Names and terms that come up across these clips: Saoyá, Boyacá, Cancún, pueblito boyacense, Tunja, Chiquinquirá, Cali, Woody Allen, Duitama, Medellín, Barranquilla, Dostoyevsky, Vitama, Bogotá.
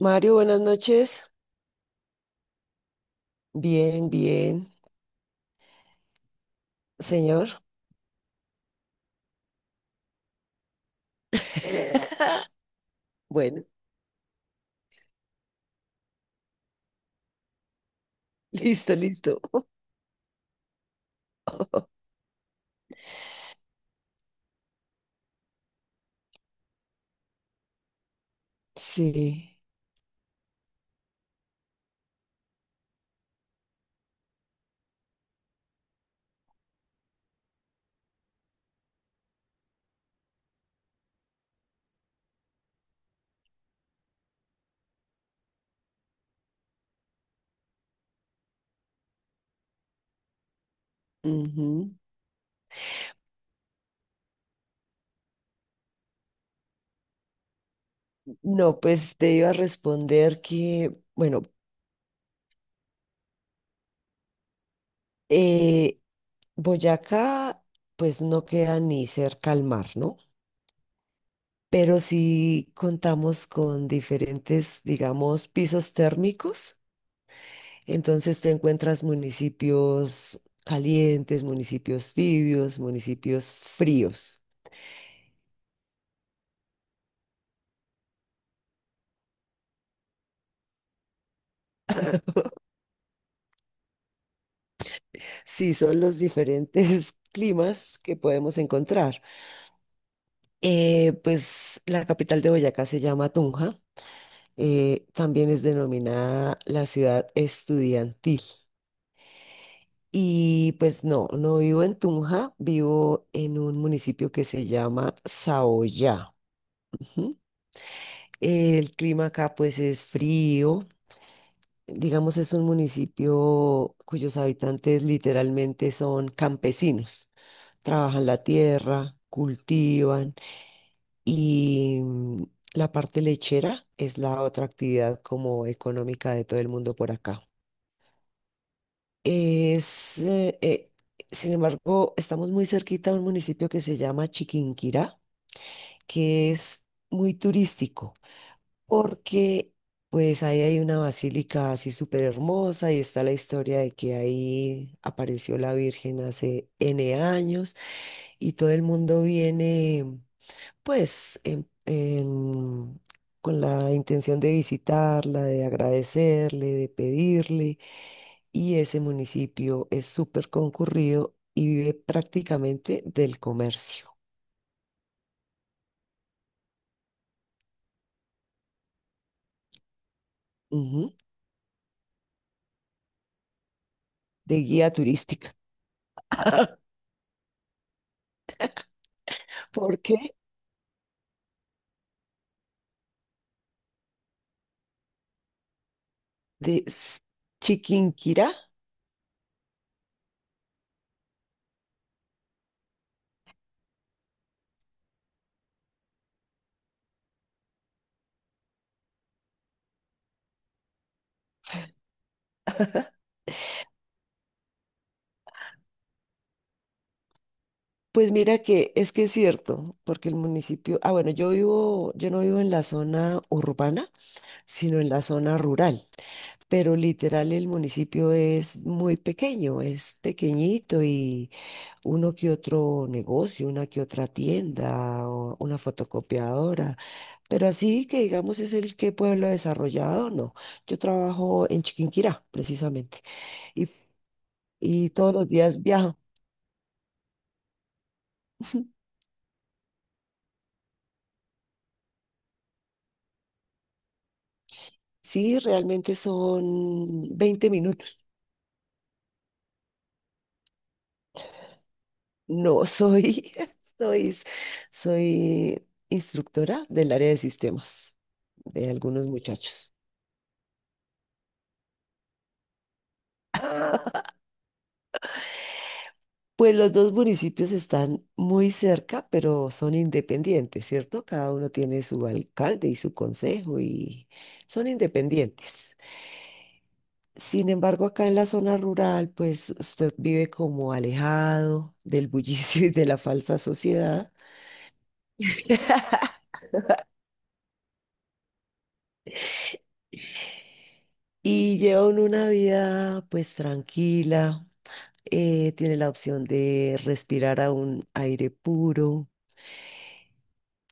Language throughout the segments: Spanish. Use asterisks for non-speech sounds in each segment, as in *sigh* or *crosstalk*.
Mario, buenas noches. Bien, bien, señor. *laughs* Bueno, listo, listo. *laughs* Sí. Ujú. No, pues te iba a responder que, bueno, eh, Boyacá, pues no queda ni cerca al mar, ¿no? Pero sí contamos con diferentes, digamos, pisos térmicos. Entonces te encuentras municipios calientes, municipios tibios, municipios fríos. Sí, son los diferentes *laughs* climas que podemos encontrar. Pues la capital de Boyacá se llama Tunja, también es denominada la ciudad estudiantil. Y pues no, no vivo en Tunja, vivo en un municipio que se llama Saoyá. Ujú. El clima acá pues es frío, digamos es un municipio cuyos habitantes literalmente son campesinos, trabajan la tierra, cultivan. Y la parte lechera es la otra actividad como económica de todo el mundo por acá. Es, eh, eh, Sin embargo, estamos muy cerquita a un municipio que se llama Chiquinquirá, que es muy turístico, porque pues ahí hay una basílica así súper hermosa y está la historia de que ahí apareció la Virgen hace N años y todo el mundo viene. Pues con la intención de visitarla, de agradecerle, de pedirle. Y ese municipio es súper concurrido y vive prácticamente del comercio, ujú, de guía turística. *laughs* ¿Por qué? De S- Chiquinquirá. *laughs* Pues mira que es cierto, porque el municipio, ah bueno, yo no vivo en la zona urbana sino en la zona rural. Pero literal el municipio es muy pequeño, es pequeñito y uno que otro negocio, una que otra tienda o una fotocopiadora. Pero así que digamos es el que pueblo desarrollado, no. Yo trabajo en Chiquinquirá, precisamente, y, y todos los días viajo. *laughs* Sí, realmente son 20 minutos. No, soy, *laughs* soy, soy instructora del área de sistemas de algunos muchachos. Pues los dos municipios están muy cerca, pero son independientes, ¿cierto? Cada uno tiene su alcalde y su consejo y son independientes. Sin embargo, acá en la zona rural, pues usted vive como alejado del bullicio *laughs* y de la falsa sociedad. *laughs* Y llevan una vida pues tranquila, tiene la opción de respirar a un aire puro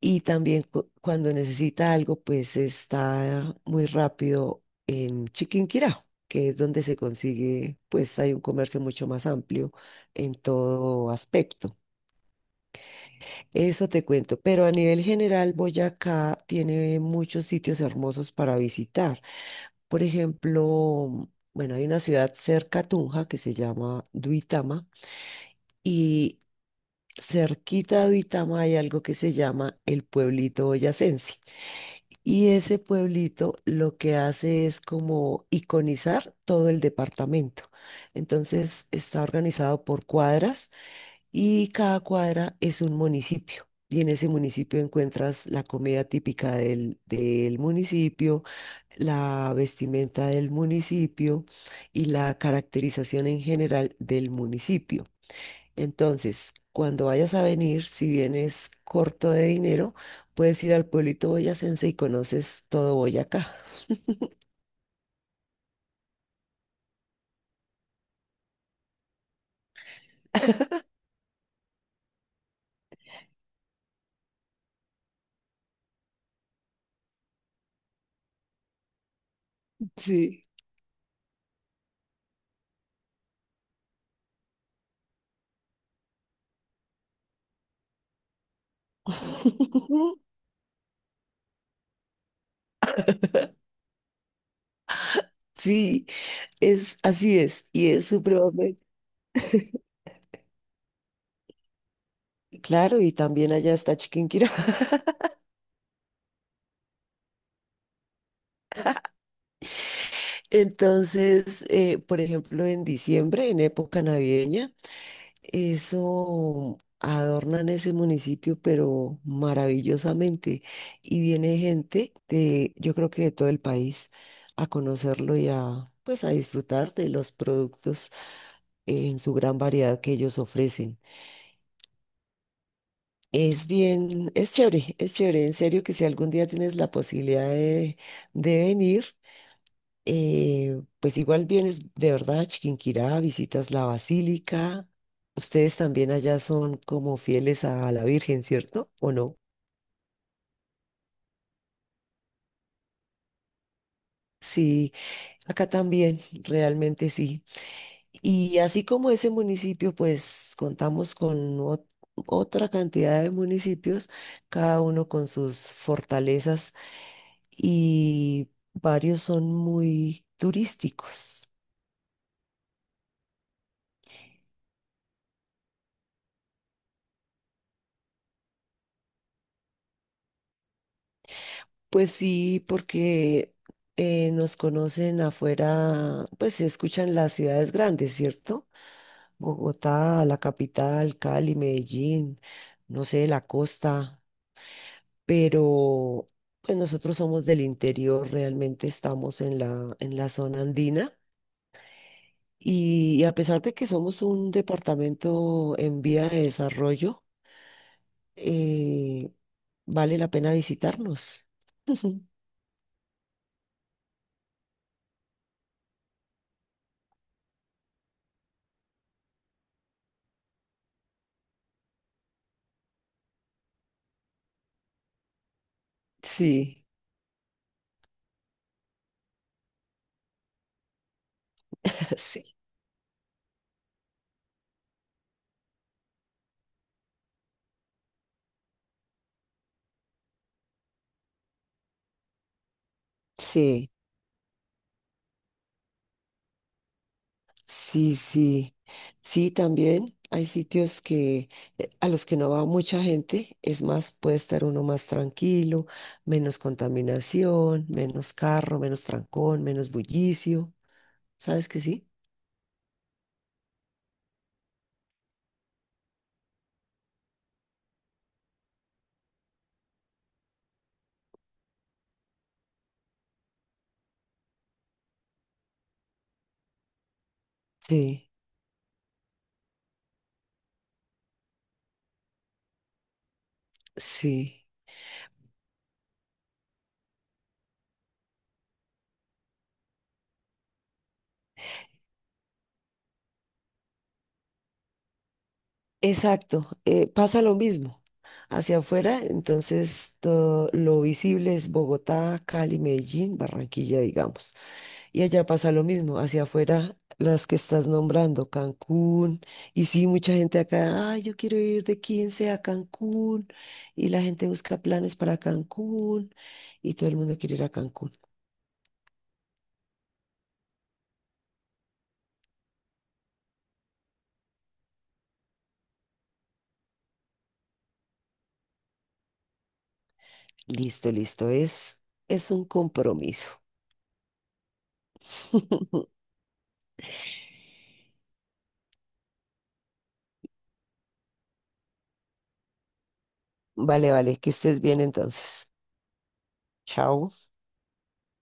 y también cuando necesita algo, pues está muy rápido en Chiquinquirá, que es donde se consigue, pues hay un comercio mucho más amplio en todo aspecto. Eso te cuento, pero a nivel general, Boyacá tiene muchos sitios hermosos para visitar. Por ejemplo, bueno, hay una ciudad cerca a Tunja que se llama Duitama. Y cerquita de Vitama hay algo que se llama el pueblito boyacense. Y ese pueblito lo que hace es como iconizar todo el departamento. Entonces está organizado por cuadras y cada cuadra es un municipio. Y en ese municipio encuentras la comida típica del municipio, la vestimenta del municipio y la caracterización en general del municipio. Entonces, cuando vayas a venir, si vienes corto de dinero, puedes ir al pueblito boyacense y conoces todo Boyacá. Sí. *laughs* Sí, es así es, y es supremamente claro, y también allá está Chiquinquirá. *laughs* Entonces, por ejemplo, en diciembre, en época navideña, eso adornan ese municipio, pero maravillosamente. Y viene gente de, yo creo que de todo el país, a conocerlo y a, pues, a disfrutar de los productos en su gran variedad que ellos ofrecen. Es bien, es chévere, es chévere. En serio que si algún día tienes la posibilidad de, venir, pues igual vienes de verdad a Chiquinquirá, visitas la basílica. Ustedes también allá son como fieles a la Virgen, ¿cierto? ¿O no? Sí, acá también, realmente sí. Y así como ese municipio, pues contamos con otra cantidad de municipios, cada uno con sus fortalezas y varios son muy turísticos. Pues sí, porque nos conocen afuera, pues se escuchan las ciudades grandes, ¿cierto? Bogotá, la capital, Cali, Medellín, no sé, la costa, pero pues nosotros somos del interior, realmente estamos en la zona andina y, a pesar de que somos un departamento en vía de desarrollo, eh, vale la pena visitarnos. *laughs* Sí, *laughs* sí, sí. Sí, sí, sí, también hay sitios que a los que no va mucha gente, es más, puede estar uno más tranquilo, menos contaminación, menos carro, menos trancón, menos bullicio, ¿sabes que sí? Sí, sí, exacto, pasa lo mismo hacia afuera, entonces todo lo visible es Bogotá, Cali, Medellín, Barranquilla, digamos. Y allá pasa lo mismo, hacia afuera, las que estás nombrando, Cancún. Y sí, mucha gente acá, ay, yo quiero ir de 15 a Cancún. Y la gente busca planes para Cancún y todo el mundo quiere ir a Cancún. Listo, listo, es un compromiso. *laughs* Vale, vale, que estés bien entonces. Chao.